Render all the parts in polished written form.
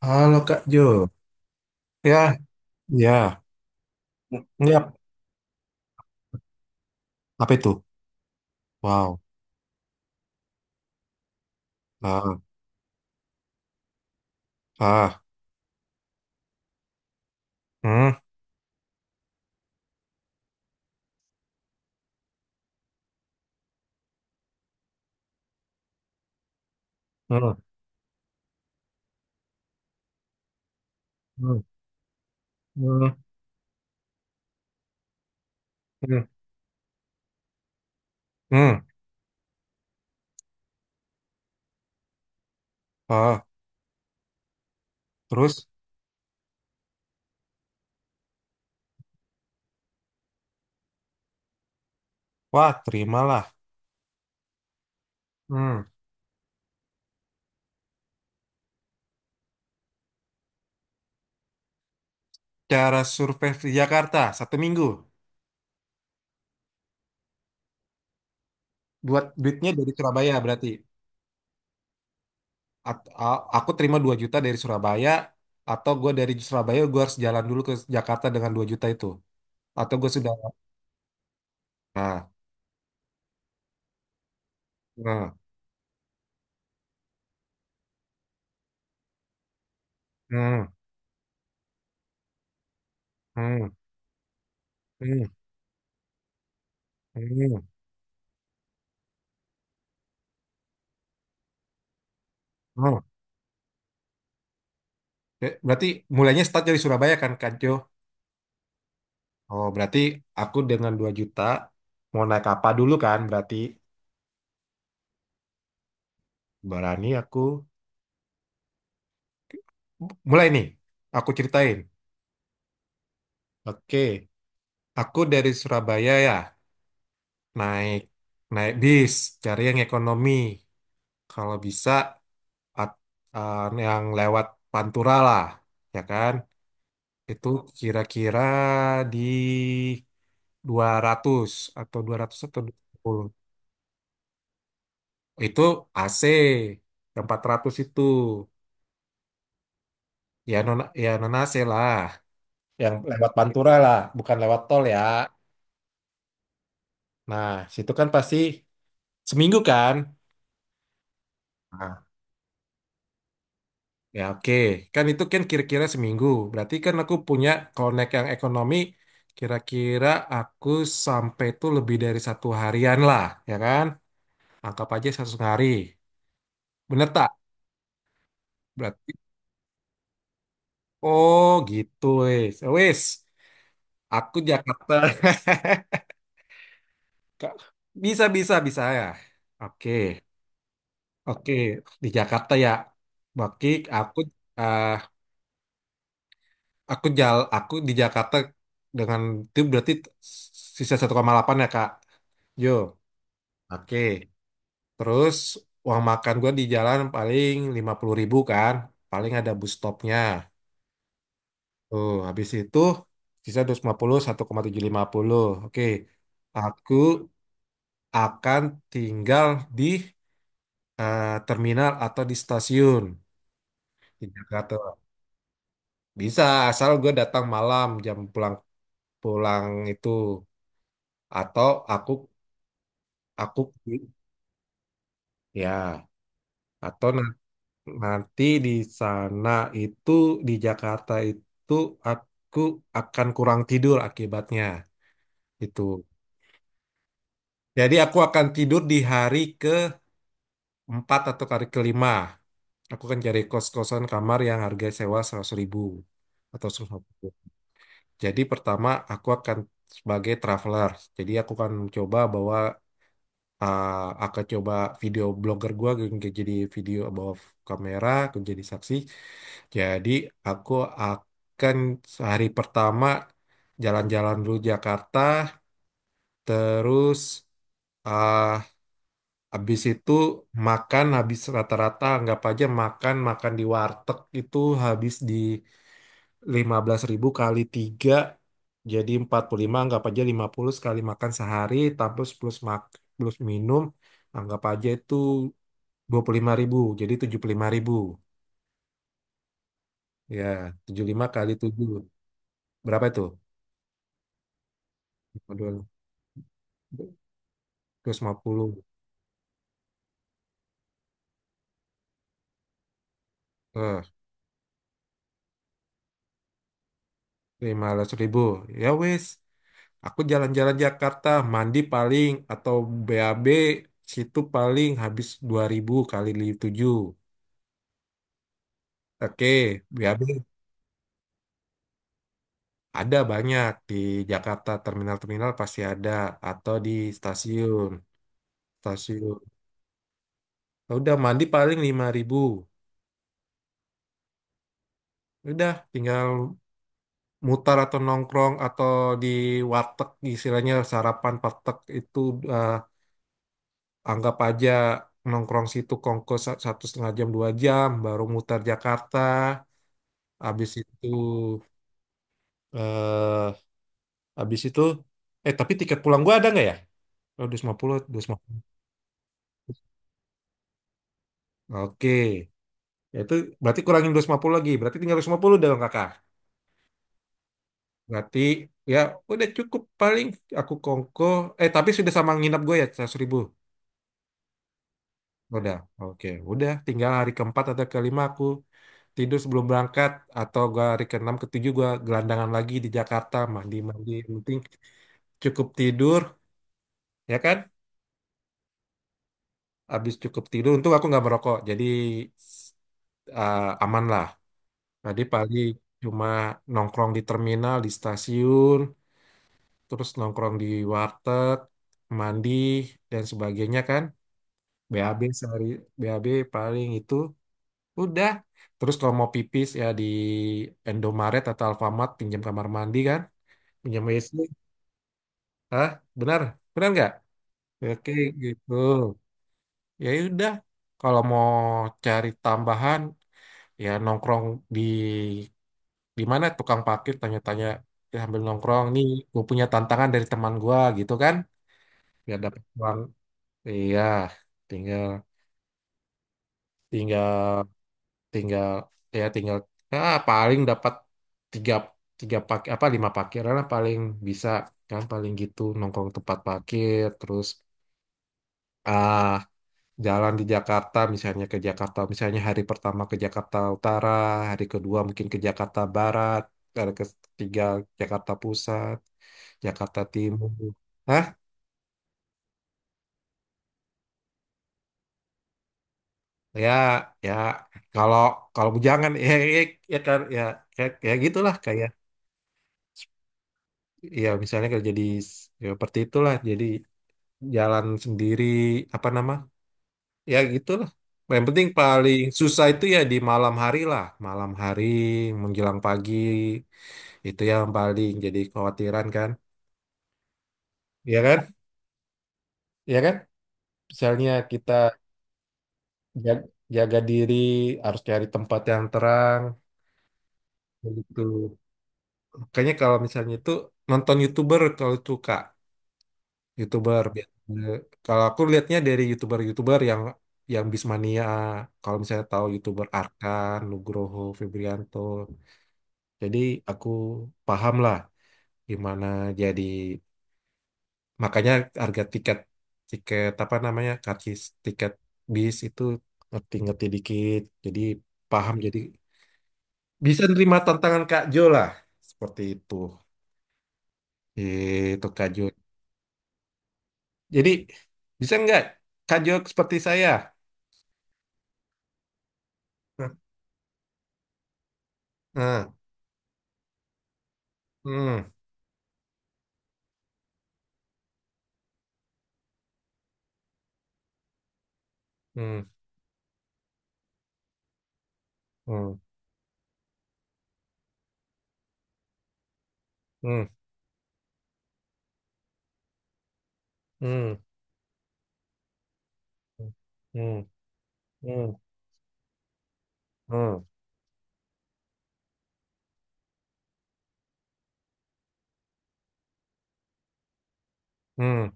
Halo Kak Jo. Ya, ya. Ya. Apa itu? Wow. Ah, ah. Hmm, hmm, hmm, hmm, hmm, hmm. Ah, terus, wah, terimalah. Hmm. Cara survei di Jakarta satu minggu. Buat duitnya dari Surabaya berarti. Aku terima 2 juta dari Surabaya, atau gue dari Surabaya gue harus jalan dulu ke Jakarta dengan 2 juta itu. Atau gue sudah. Nah, nah, hmm, hmm, hmm, hmm, hmm. Hmm. Berarti mulainya start dari Surabaya kan, Kak Jo? Oh, berarti aku dengan 2 juta mau naik apa dulu kan? Berarti berani aku mulai nih. Aku ceritain. Oke, aku dari Surabaya ya, naik naik bis, cari yang ekonomi. Kalau bisa at- yang lewat Pantura lah, ya kan? Itu kira-kira di 200 atau 20. Itu AC. Yang 400 itu ya non, ya non AC lah, yang lewat Pantura lah, bukan lewat tol ya. Nah, situ kan pasti seminggu kan. Nah, ya oke. Kan itu kan kira-kira seminggu, berarti kan aku punya connect yang ekonomi, kira-kira aku sampai tuh lebih dari satu harian lah, ya kan, anggap aja satu setengah hari, bener tak, berarti. Oh gitu, wes wes, aku Jakarta. Kak, bisa, bisa, bisa ya. Oke, oke. Di Jakarta ya. Baki, aku, eh aku jal, aku di Jakarta dengan itu berarti sisa 1,8 ya Kak. Yo, oke. Terus uang makan gua di jalan paling 50 ribu kan. Paling ada bus stopnya. Tuh, habis itu sisa 250, satu koma tujuh lima, 1,750. Oke. Aku akan tinggal di terminal atau di stasiun. Di Jakarta bisa asal gue datang malam jam pulang pulang itu, atau aku aku ya, atau nanti di sana itu, di Jakarta itu aku akan kurang tidur akibatnya itu. Jadi aku akan tidur di hari keempat atau hari kelima. Aku akan cari kos-kosan kamar yang harga sewa 100 ribu atau 150. Jadi pertama aku akan sebagai traveler. Jadi aku akan coba bawa, eh, akan coba video blogger gua, kayak jadi video above, kamera aku jadi saksi. Jadi aku akan hari pertama jalan-jalan dulu Jakarta, terus ah habis itu makan, habis rata-rata anggap aja makan makan di warteg itu, habis di 15 ribu kali 3 jadi 45, anggap aja 50 sekali makan sehari, terus plus plus minum anggap aja itu 25 ribu, jadi 75 ribu. Ya, 75 kali 7 berapa itu, 250, eh 15 ribu. Ya wes, aku jalan-jalan Jakarta, mandi paling atau BAB situ paling habis 2 ribu kali tujuh. Oke, BAB. Ada banyak di Jakarta, terminal-terminal pasti ada, atau di stasiun. Stasiun. Ya udah, mandi paling 5 ribu. Ya udah, tinggal mutar atau nongkrong atau di warteg, istilahnya sarapan warteg itu, eh, anggap aja nongkrong situ kongko satu setengah jam, dua jam, baru mutar Jakarta. Habis itu, eh habis itu tapi tiket pulang gua ada nggak ya? Oh, 250, puluh, dua ratus lima puluh. Oke. Ya itu berarti kurangin 250 lagi. Berarti tinggal 250 dong kakak. Berarti ya udah, cukup paling aku kongko. Eh tapi sudah sama nginap gue ya 100 ribu. Udah. Oke. Udah, tinggal hari keempat atau kelima aku tidur sebelum berangkat. Atau gue hari keenam ketujuh gue gelandangan lagi di Jakarta. Mandi-mandi. Yang penting cukup tidur. Ya kan? Habis cukup tidur. Untung aku nggak merokok. Jadi aman lah. Tadi paling cuma nongkrong di terminal, di stasiun, terus nongkrong di warteg, mandi, dan sebagainya kan. BAB sehari, BAB paling, itu udah. Terus kalau mau pipis ya di Indomaret atau Alfamart pinjam kamar mandi kan, pinjam WC. Hah? Benar? Benar nggak? Oke, gitu. Ya udah. Kalau mau cari tambahan ya nongkrong di mana tukang parkir, tanya-tanya ya sambil nongkrong nih, gue punya tantangan dari teman gue gitu kan, biar dapat uang. Iya, tinggal tinggal tinggal, ya tinggal, paling dapat tiga, tiga pak apa lima parkiran lah paling bisa, kan paling gitu nongkrong tempat parkir. Terus ah jalan di Jakarta, misalnya ke Jakarta, misalnya hari pertama ke Jakarta Utara, hari kedua mungkin ke Jakarta Barat, hari ketiga Jakarta Pusat, Jakarta Timur. Ya, ya, kalau kalau bujangan ya, ya, ya kan, ya, ya, ya gitulah, kayak ya misalnya kerja di, ya, seperti itulah. Jadi jalan sendiri, apa nama, ya gitulah. Yang penting paling susah itu ya di malam hari lah, malam hari menjelang pagi, itu yang paling jadi khawatiran kan. Ya kan, ya kan, misalnya kita ja- jaga diri, harus cari tempat yang terang begitu. Kayaknya kalau misalnya itu nonton YouTuber kalau itu Kak, YouTuber eh, kalau aku lihatnya dari YouTuber-YouTuber yang Bismania, kalau misalnya tahu YouTuber Arkan, Nugroho, Febrianto. Jadi aku paham lah gimana, jadi makanya harga tiket, tiket apa namanya, karcis tiket bis itu, ngerti-ngerti dikit. Jadi paham, jadi bisa nerima tantangan Kak Jo lah. Seperti itu. Itu Kak Jo. Jadi bisa nggak Kak Jok seperti saya? Nah, nah, hmm, hmm, hmm, hmm, hmm, hmm, hmm, hmm, hmm, hmm,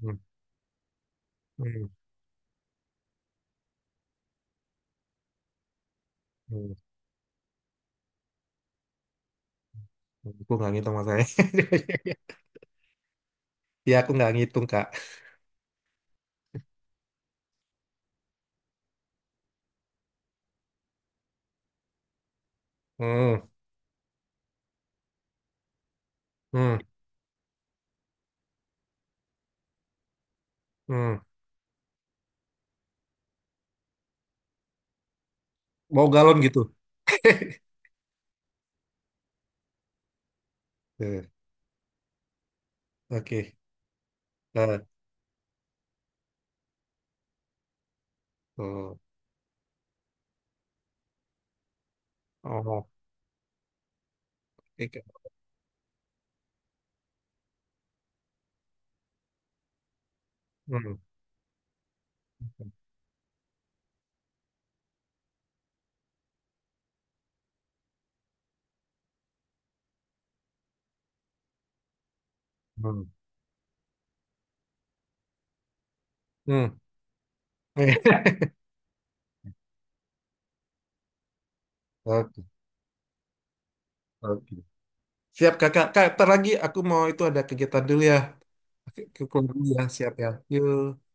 hmm, hmm, hmm. Aku nggak ngitung masalahnya. Ya aku nggak ngitung Kak. Hmm, hmm, hmm. Mau galon gitu. Eh, oke. Eh, oh, oh, oke. Hmm, hmm, hmm. Oke, oke. Siap kakak. Kak, ntar lagi aku mau itu ada kegiatan dulu ya. Oke, ke keluar dulu ya, siap ya. Yuk.